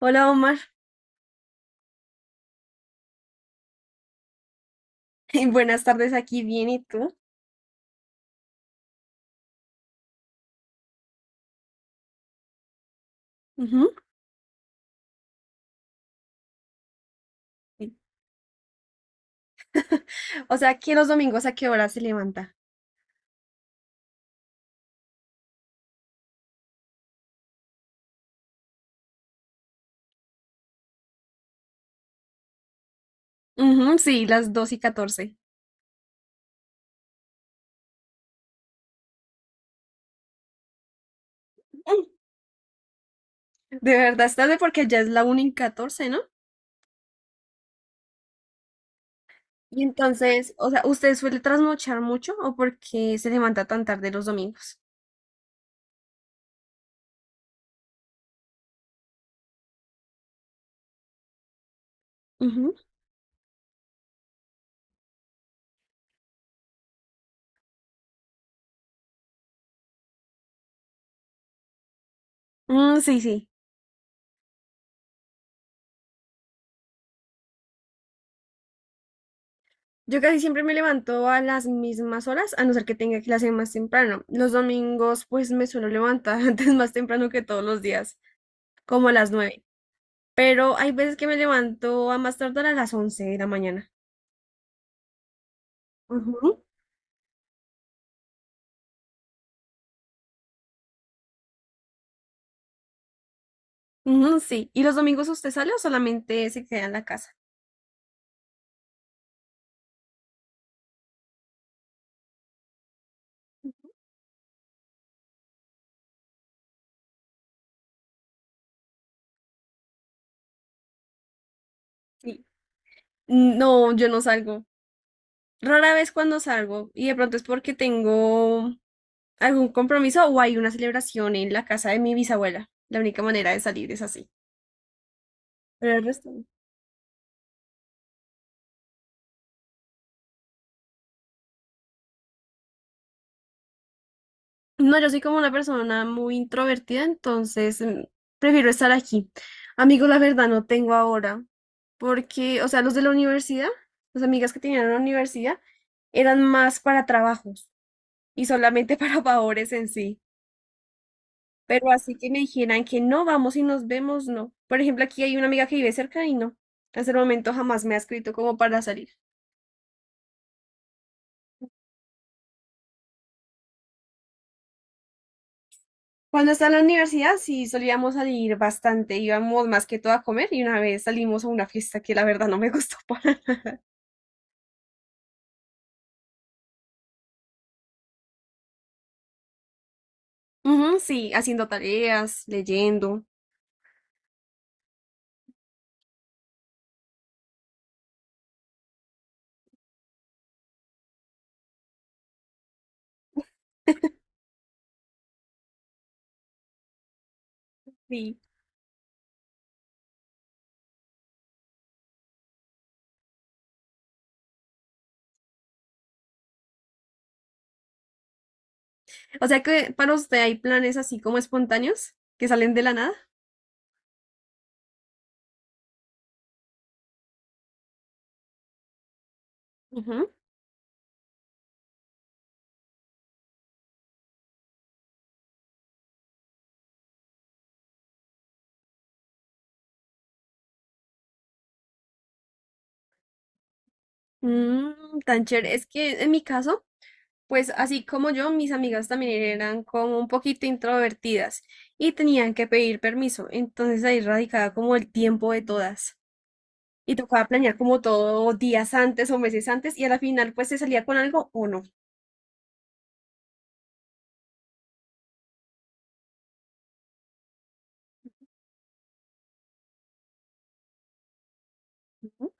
Hola Omar, buenas tardes aquí, bien, ¿y tú? Ujú. O sea, ¿que los domingos a qué hora se levanta? Ujú, sí, las 2 y catorce. De verdad, es tarde porque ya es la 1:14, ¿no? Y entonces, o sea, ¿usted suele trasnochar mucho o por qué se levanta tan tarde los domingos? Ujú. Mm, sí, sí. Yo casi siempre me levanto a las mismas horas, a no ser que tenga clase más temprano. Los domingos, pues me suelo levantar antes más temprano que todos los días, como a las 9. Pero hay veces que me levanto a más tardar a las 11 de la mañana. Ujú, ujú, sí. ¿Y los domingos usted sale o solamente se queda en la casa? Sí. No, yo no salgo. Rara vez cuando salgo, y de pronto es porque tengo algún compromiso o hay una celebración en la casa de mi bisabuela. La única manera de salir es así. Pero el resto. No, yo soy como una persona muy introvertida, entonces prefiero estar aquí. Amigos, la verdad no tengo ahora, porque, o sea, los de la universidad, las amigas que tenían en la universidad, eran más para trabajos y solamente para favores en sí. Pero así que me dijeran que no vamos y nos vemos, no. Por ejemplo, aquí hay una amiga que vive cerca y no. Hasta el momento jamás me ha escrito como para salir. Cuando estaba en la universidad sí solíamos salir bastante, íbamos más que todo a comer y una vez salimos a una fiesta que la verdad no me gustó para. Ujú, sí, haciendo tareas, leyendo. Sí. O sea que para usted hay planes así como espontáneos que salen de la nada. Ujú. Mm, tan chévere. Es que en mi caso, pues así como yo, mis amigas también eran como un poquito introvertidas y tenían que pedir permiso. Entonces ahí radicaba como el tiempo de todas. Y tocaba planear como todo días antes o meses antes y a la final pues se salía con algo o no. Ujú.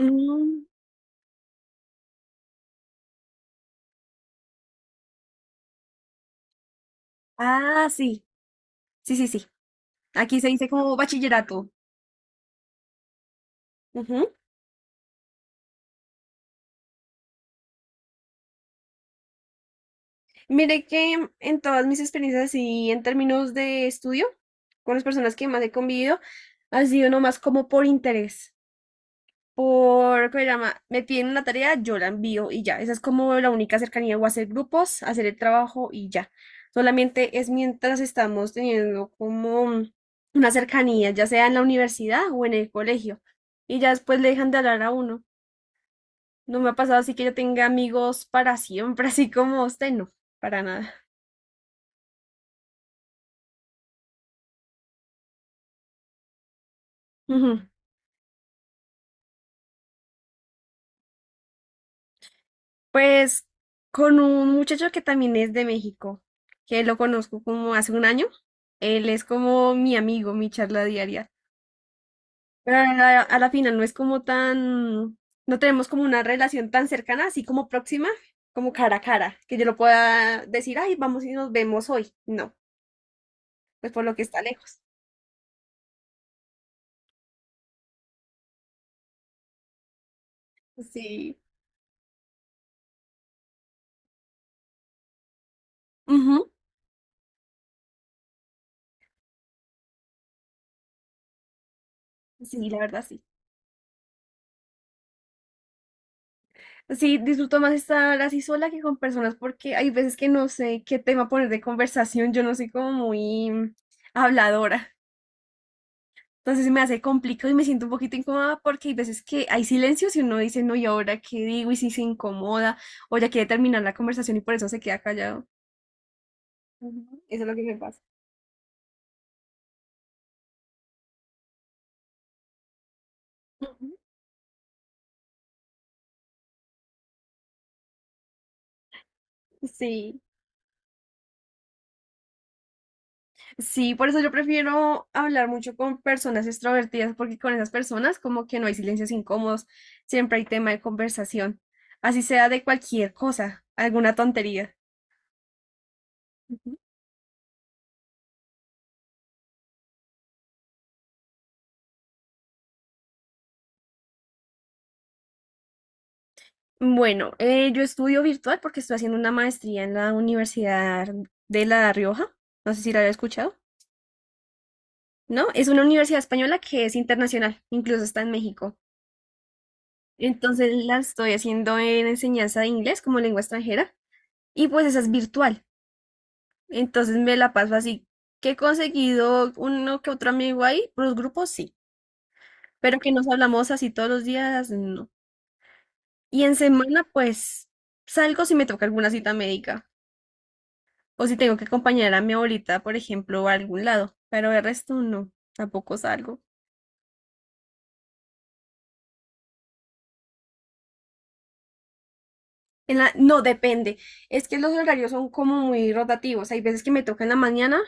Mm, ah, sí, sí, sí, sí. Aquí se dice como bachillerato. Ujú. Mire que en todas mis experiencias y en términos de estudio, con las personas que más he convivido, ha sido nomás como por interés. Por, ¿cómo se llama? Me piden una tarea, yo la envío y ya. Esa es como la única cercanía, o hacer grupos, hacer el trabajo y ya. Solamente es mientras estamos teniendo como una cercanía, ya sea en la universidad o en el colegio. Y ya después le dejan de hablar a uno. No me ha pasado así que yo tenga amigos para siempre, así como usted, no, para nada. Ujú. Pues con un muchacho que también es de México, que lo conozco como hace un año. Él es como mi amigo, mi charla diaria. Pero a la final no es como tan, no tenemos como una relación tan cercana, así como próxima, como cara a cara, que yo lo pueda decir, ay, vamos y nos vemos hoy. No, pues por lo que está lejos. Sí. Ujú. Sí, la verdad sí. Sí, disfruto más estar así sola que con personas porque hay veces que no sé qué tema poner de conversación, yo no soy como muy habladora. Entonces se me hace complicado y me siento un poquito incómoda porque hay veces que hay silencios y uno dice, no, ¿y ahora qué digo? Y si se incomoda o ya quiere terminar la conversación y por eso se queda callado. Ujú. Eso es lo que me pasa. Ujú. Sí, sí, por eso yo prefiero hablar mucho con personas extrovertidas porque con esas personas como que no hay silencios incómodos, siempre hay tema de conversación, así sea de cualquier cosa, alguna tontería. Bueno, yo estudio virtual porque estoy haciendo una maestría en la Universidad de La Rioja. No sé si la había escuchado. No, es una universidad española que es internacional, incluso está en México. Entonces la estoy haciendo en enseñanza de inglés como lengua extranjera y pues esa es virtual. Entonces me la paso así que he conseguido uno que otro amigo ahí, por los grupos sí, pero que nos hablamos así todos los días, no. Y en semana pues salgo si me toca alguna cita médica. O si tengo que acompañar a mi abuelita, por ejemplo, a algún lado. Pero el resto no, tampoco salgo. No, depende. Es que los horarios son como muy rotativos. Hay veces que me toca en la mañana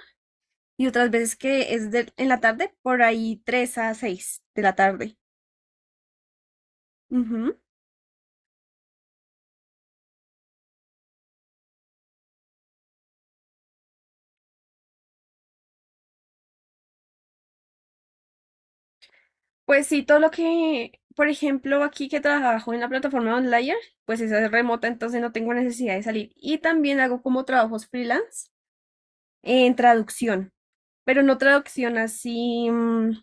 y otras veces que es en la tarde, por ahí 3 a 6 de la tarde. Ujú. Pues sí, todo lo que, por ejemplo, aquí que trabajo en la plataforma online, pues esa es remota, entonces no tengo necesidad de salir. Y también hago como trabajos freelance en traducción, pero no traducción así,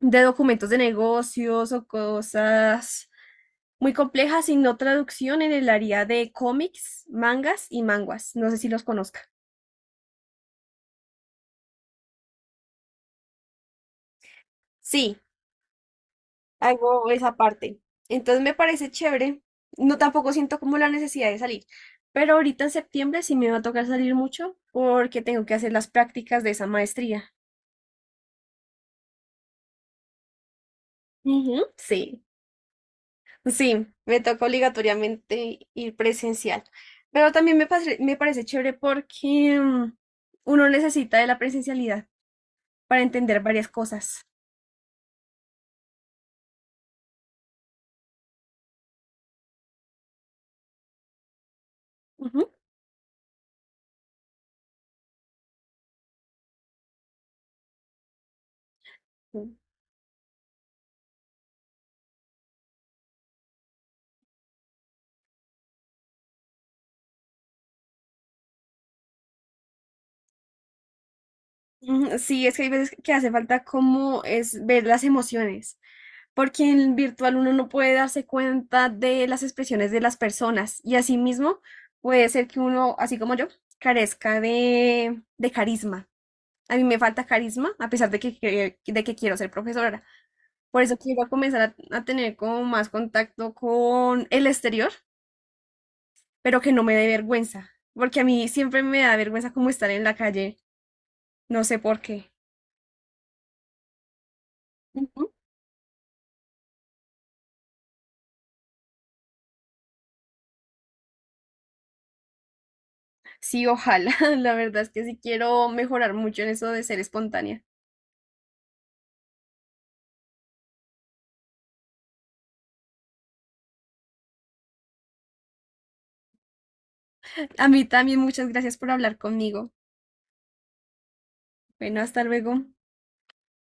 de documentos de negocios o cosas muy complejas, sino traducción en el área de cómics, mangas y manguas. No sé si los conozca. Sí, hago esa parte. Entonces me parece chévere. No tampoco siento como la necesidad de salir. Pero ahorita en septiembre sí me va a tocar salir mucho porque tengo que hacer las prácticas de esa maestría. Ujú. Sí. Sí, me toca obligatoriamente ir presencial. Pero también me parece chévere porque uno necesita de la presencialidad para entender varias cosas. Ujú. Ujú. Sí, es que hay veces que hace falta como es ver las emociones, porque en virtual uno no puede darse cuenta de las expresiones de las personas y asimismo puede ser que uno, así como yo, carezca de carisma. A mí me falta carisma, a pesar de que quiero ser profesora. Por eso quiero comenzar a tener como más contacto con el exterior, pero que no me dé vergüenza, porque a mí siempre me da vergüenza como estar en la calle, no sé por qué. Ujú. Sí, ojalá, la verdad es que sí quiero mejorar mucho en eso de ser espontánea. A mí también muchas gracias por hablar conmigo. Bueno, hasta luego.